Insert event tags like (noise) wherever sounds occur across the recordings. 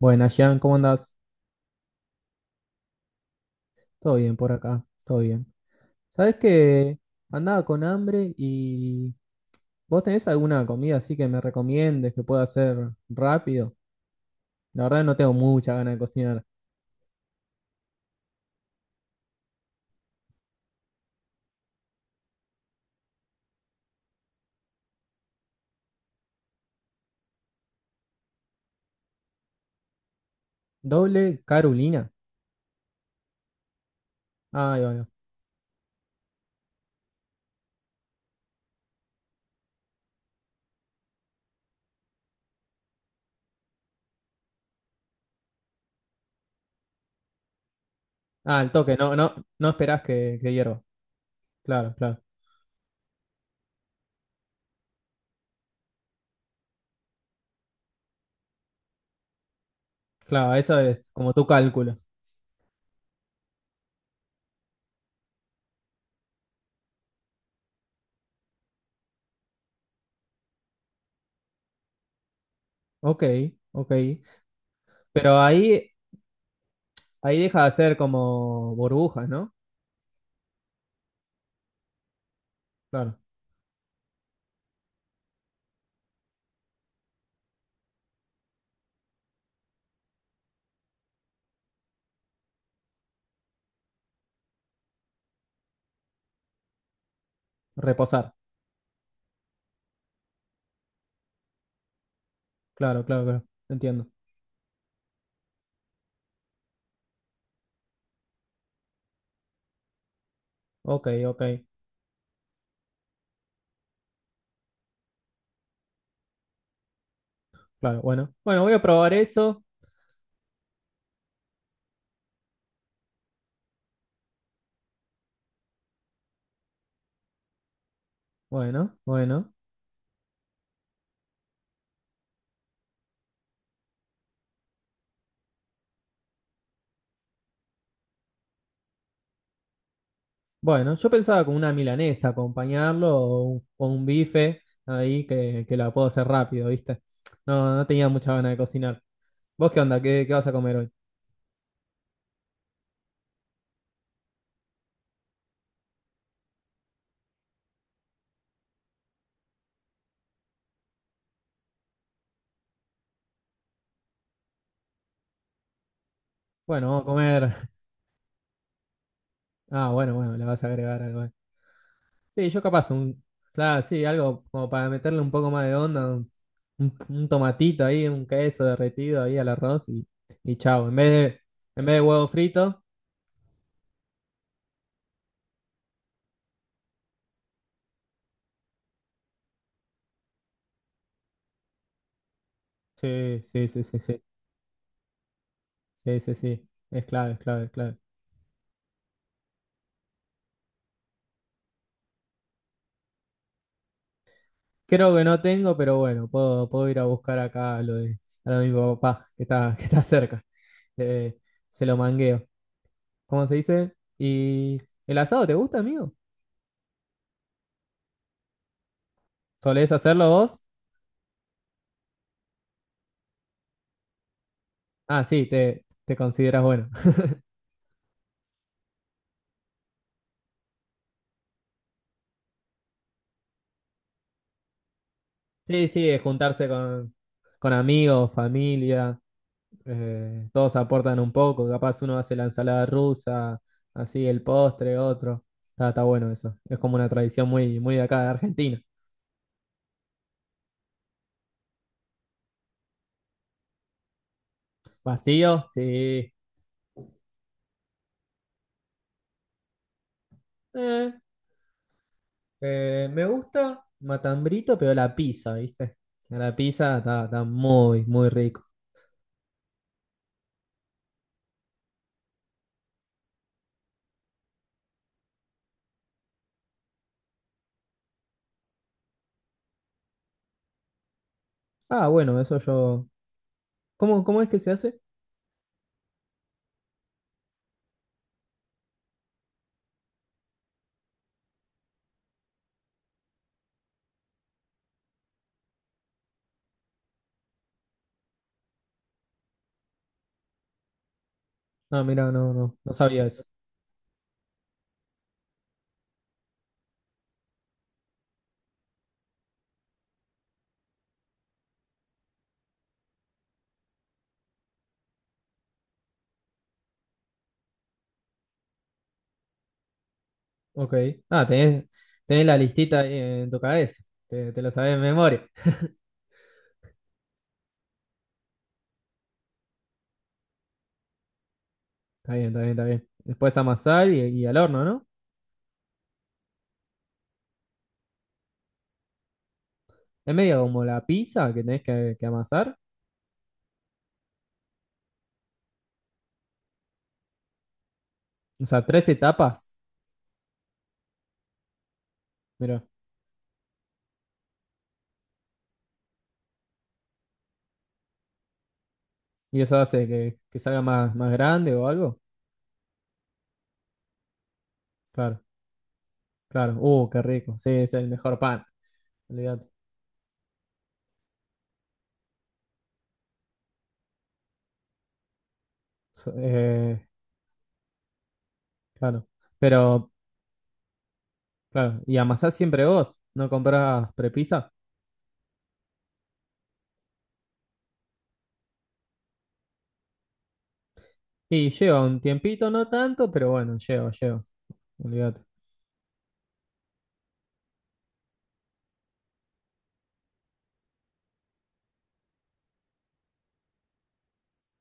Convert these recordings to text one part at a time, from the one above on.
Buenas, Jan, ¿cómo andás? Todo bien por acá, todo bien. ¿Sabés que andaba con hambre y vos tenés alguna comida así que me recomiendes que pueda hacer rápido? La verdad no tengo mucha ganas de cocinar. ¿Doble Carolina? Ay, ay, ay. Ah, el toque, no, no, no esperás que, hierva. Claro, claro, claro, eso es como tú calculas. Ok, ok. Pero ahí, ahí deja de hacer como burbujas, ¿no? Claro, reposar. Claro, claro, claro. Entiendo. Ok, ok. Claro, bueno. Bueno, voy a probar eso. Bueno, bueno. Bueno, yo pensaba con una milanesa acompañarlo o un bife ahí que, la puedo hacer rápido, ¿viste? No, no tenía mucha ganas de cocinar. ¿Vos qué onda? ¿Qué, qué vas a comer hoy? Bueno, vamos a comer. (laughs) Ah, bueno, bueno, le vas a agregar algo. Sí, yo capaz un. Claro, sí, algo como para meterle un poco más de onda, un, un tomatito ahí, un queso derretido ahí al arroz y chao. En vez de huevo frito. Sí, sí, sí, sí, sí. Sí, sí, sí. Es clave, es clave, es clave. Creo que no tengo, pero bueno, puedo, puedo ir a buscar acá a lo de mi papá, que está, (laughs) que está cerca. Eh, Se lo mangueo. ¿Cómo se dice? ¿Y el asado te gusta, amigo? ¿Solés hacerlo vos? Ah, sí, te consideras bueno. (laughs) Sí, sí, es juntarse con amigos, familia, todos aportan un poco. Capaz uno hace la ensalada rusa, así el postre, otro. Está, está bueno eso. Es como una tradición muy, muy de acá de Argentina. Vacío, sí. Eh, Me gusta Matambrito, pero la pizza, ¿viste? La pizza está, está muy, muy rico. Ah, bueno, eso yo. ¿Cómo, cómo es que se hace? Ah, mira, no, no, no sabía eso. Ok. Ah, tenés, tenés la listita ahí en tu cabeza. Te lo sabés de memoria. Está bien, está bien, está bien. Después amasar y al horno, ¿no? Es medio como la pizza que tenés que, amasar. O sea, tres etapas. Mira. Y eso hace que salga más, más grande o algo. Claro. Claro, qué rico. Sí, es el mejor pan. Olvídate. So- eh, claro. Pero, claro, y amasás siempre vos, ¿no comprás prepisa? Y lleva un tiempito, no tanto, pero bueno, lleva, lleva. Olvídate.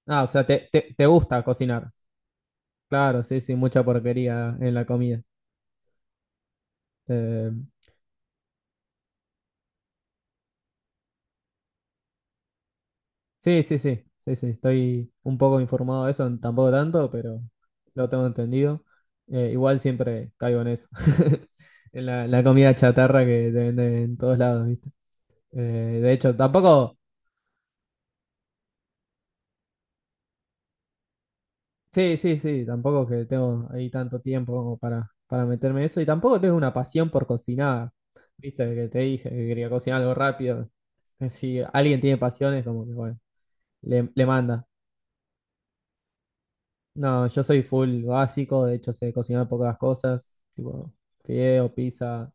Ah, o sea, te gusta cocinar. Claro, sí, sí, mucha porquería en la comida. Eh, Sí, sí, sí, sí, sí, estoy un poco informado de eso, tampoco tanto, pero lo tengo entendido. Igual siempre caigo en eso, (laughs) en la comida chatarra que te venden en todos lados, ¿viste? Eh, de hecho, tampoco, sí, sí, sí, tampoco que tengo ahí tanto tiempo como para meterme en eso y tampoco tengo una pasión por cocinar, ¿viste? Que te dije que quería cocinar algo rápido. Si alguien tiene pasiones, como que bueno, le manda. No, yo soy full básico, de hecho sé cocinar pocas cosas, tipo fideo, pizza,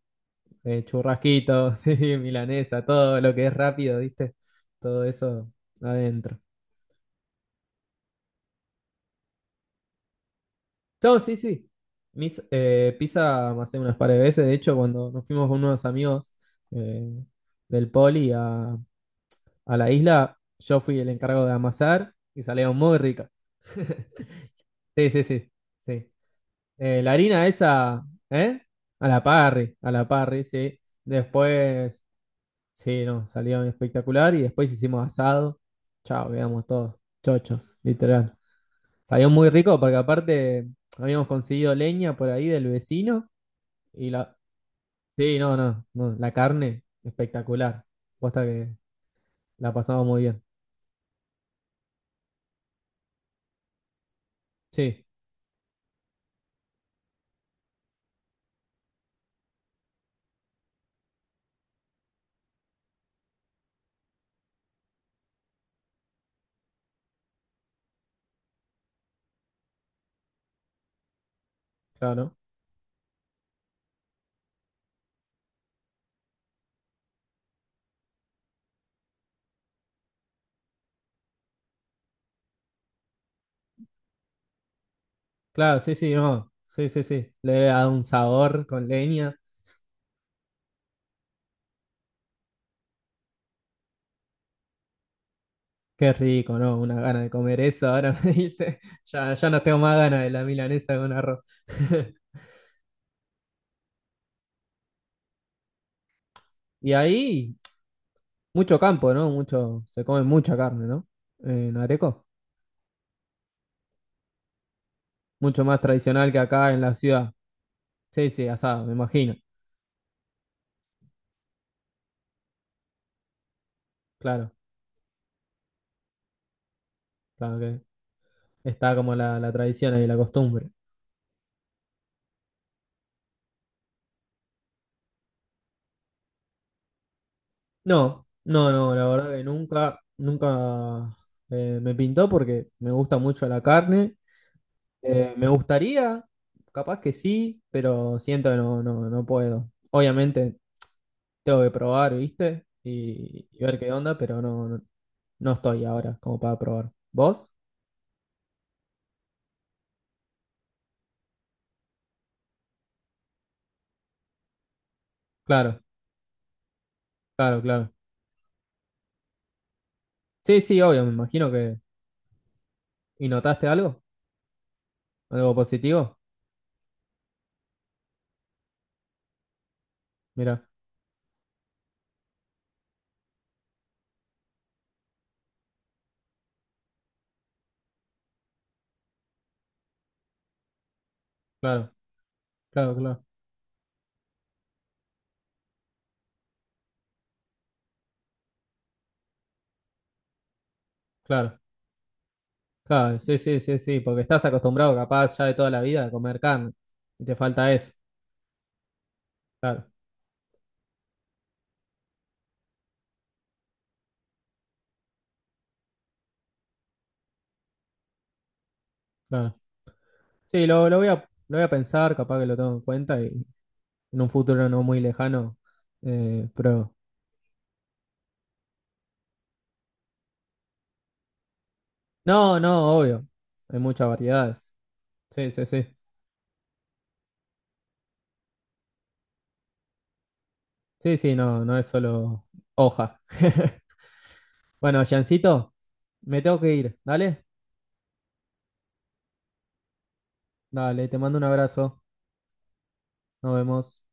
churrasquito, (laughs) sí, milanesa, todo lo que es rápido, ¿viste? Todo eso adentro. No, sí, sí. Mis, pizza me hace unas par de veces, de hecho cuando nos fuimos con unos amigos eh, del poli a la isla, yo fui el encargo de amasar y salieron muy ricas. (laughs) Sí, sí, sí, sí. La harina esa, ¿eh? A la parry, sí. Después, sí, no, salió espectacular y después hicimos asado. Chao, quedamos todos chochos, literal. Salió muy rico porque aparte habíamos conseguido leña por ahí del vecino y la... Sí, no, no, no, la carne, espectacular. Posta que la pasamos muy bien. Sí, claro. ¿No? Claro, sí, sí, no. Sí, sí, sí. Le da un sabor con leña. Qué rico, ¿no? Una gana de comer eso, ahora (laughs) me diste. Ya, ya no tengo más ganas de la milanesa con arroz. (laughs) Y ahí, mucho campo, ¿no? Mucho, se come mucha carne, ¿no? En Areco. Mucho más tradicional que acá en la ciudad. Sí, sí, asado, me imagino. Claro, claro que está como la tradición y la costumbre. No, no, no, la verdad que nunca, nunca me pintó porque me gusta mucho la carne. Me gustaría, capaz que sí, pero siento que no, no, no puedo. Obviamente tengo que probar, ¿viste? Y ver qué onda, pero no, no, no estoy ahora como para probar. ¿Vos? Claro, claro, claro. Sí, sí, obvio, me imagino que... ¿Y notaste algo? ¿Algo positivo? Mira, claro, claro, claro, claro, claro, sí, sí, sí, sí, porque estás acostumbrado capaz ya de toda la vida a comer carne y te falta eso. Claro, claro. Sí, lo voy a pensar, capaz que lo tengo en cuenta y en un futuro no muy lejano. Pero no, no, obvio. Hay muchas variedades. Sí, sí, sí. Sí, sí, no, no es solo hoja. (laughs) Bueno, Jancito, me tengo que ir. Dale, dale, te mando un abrazo. Nos vemos.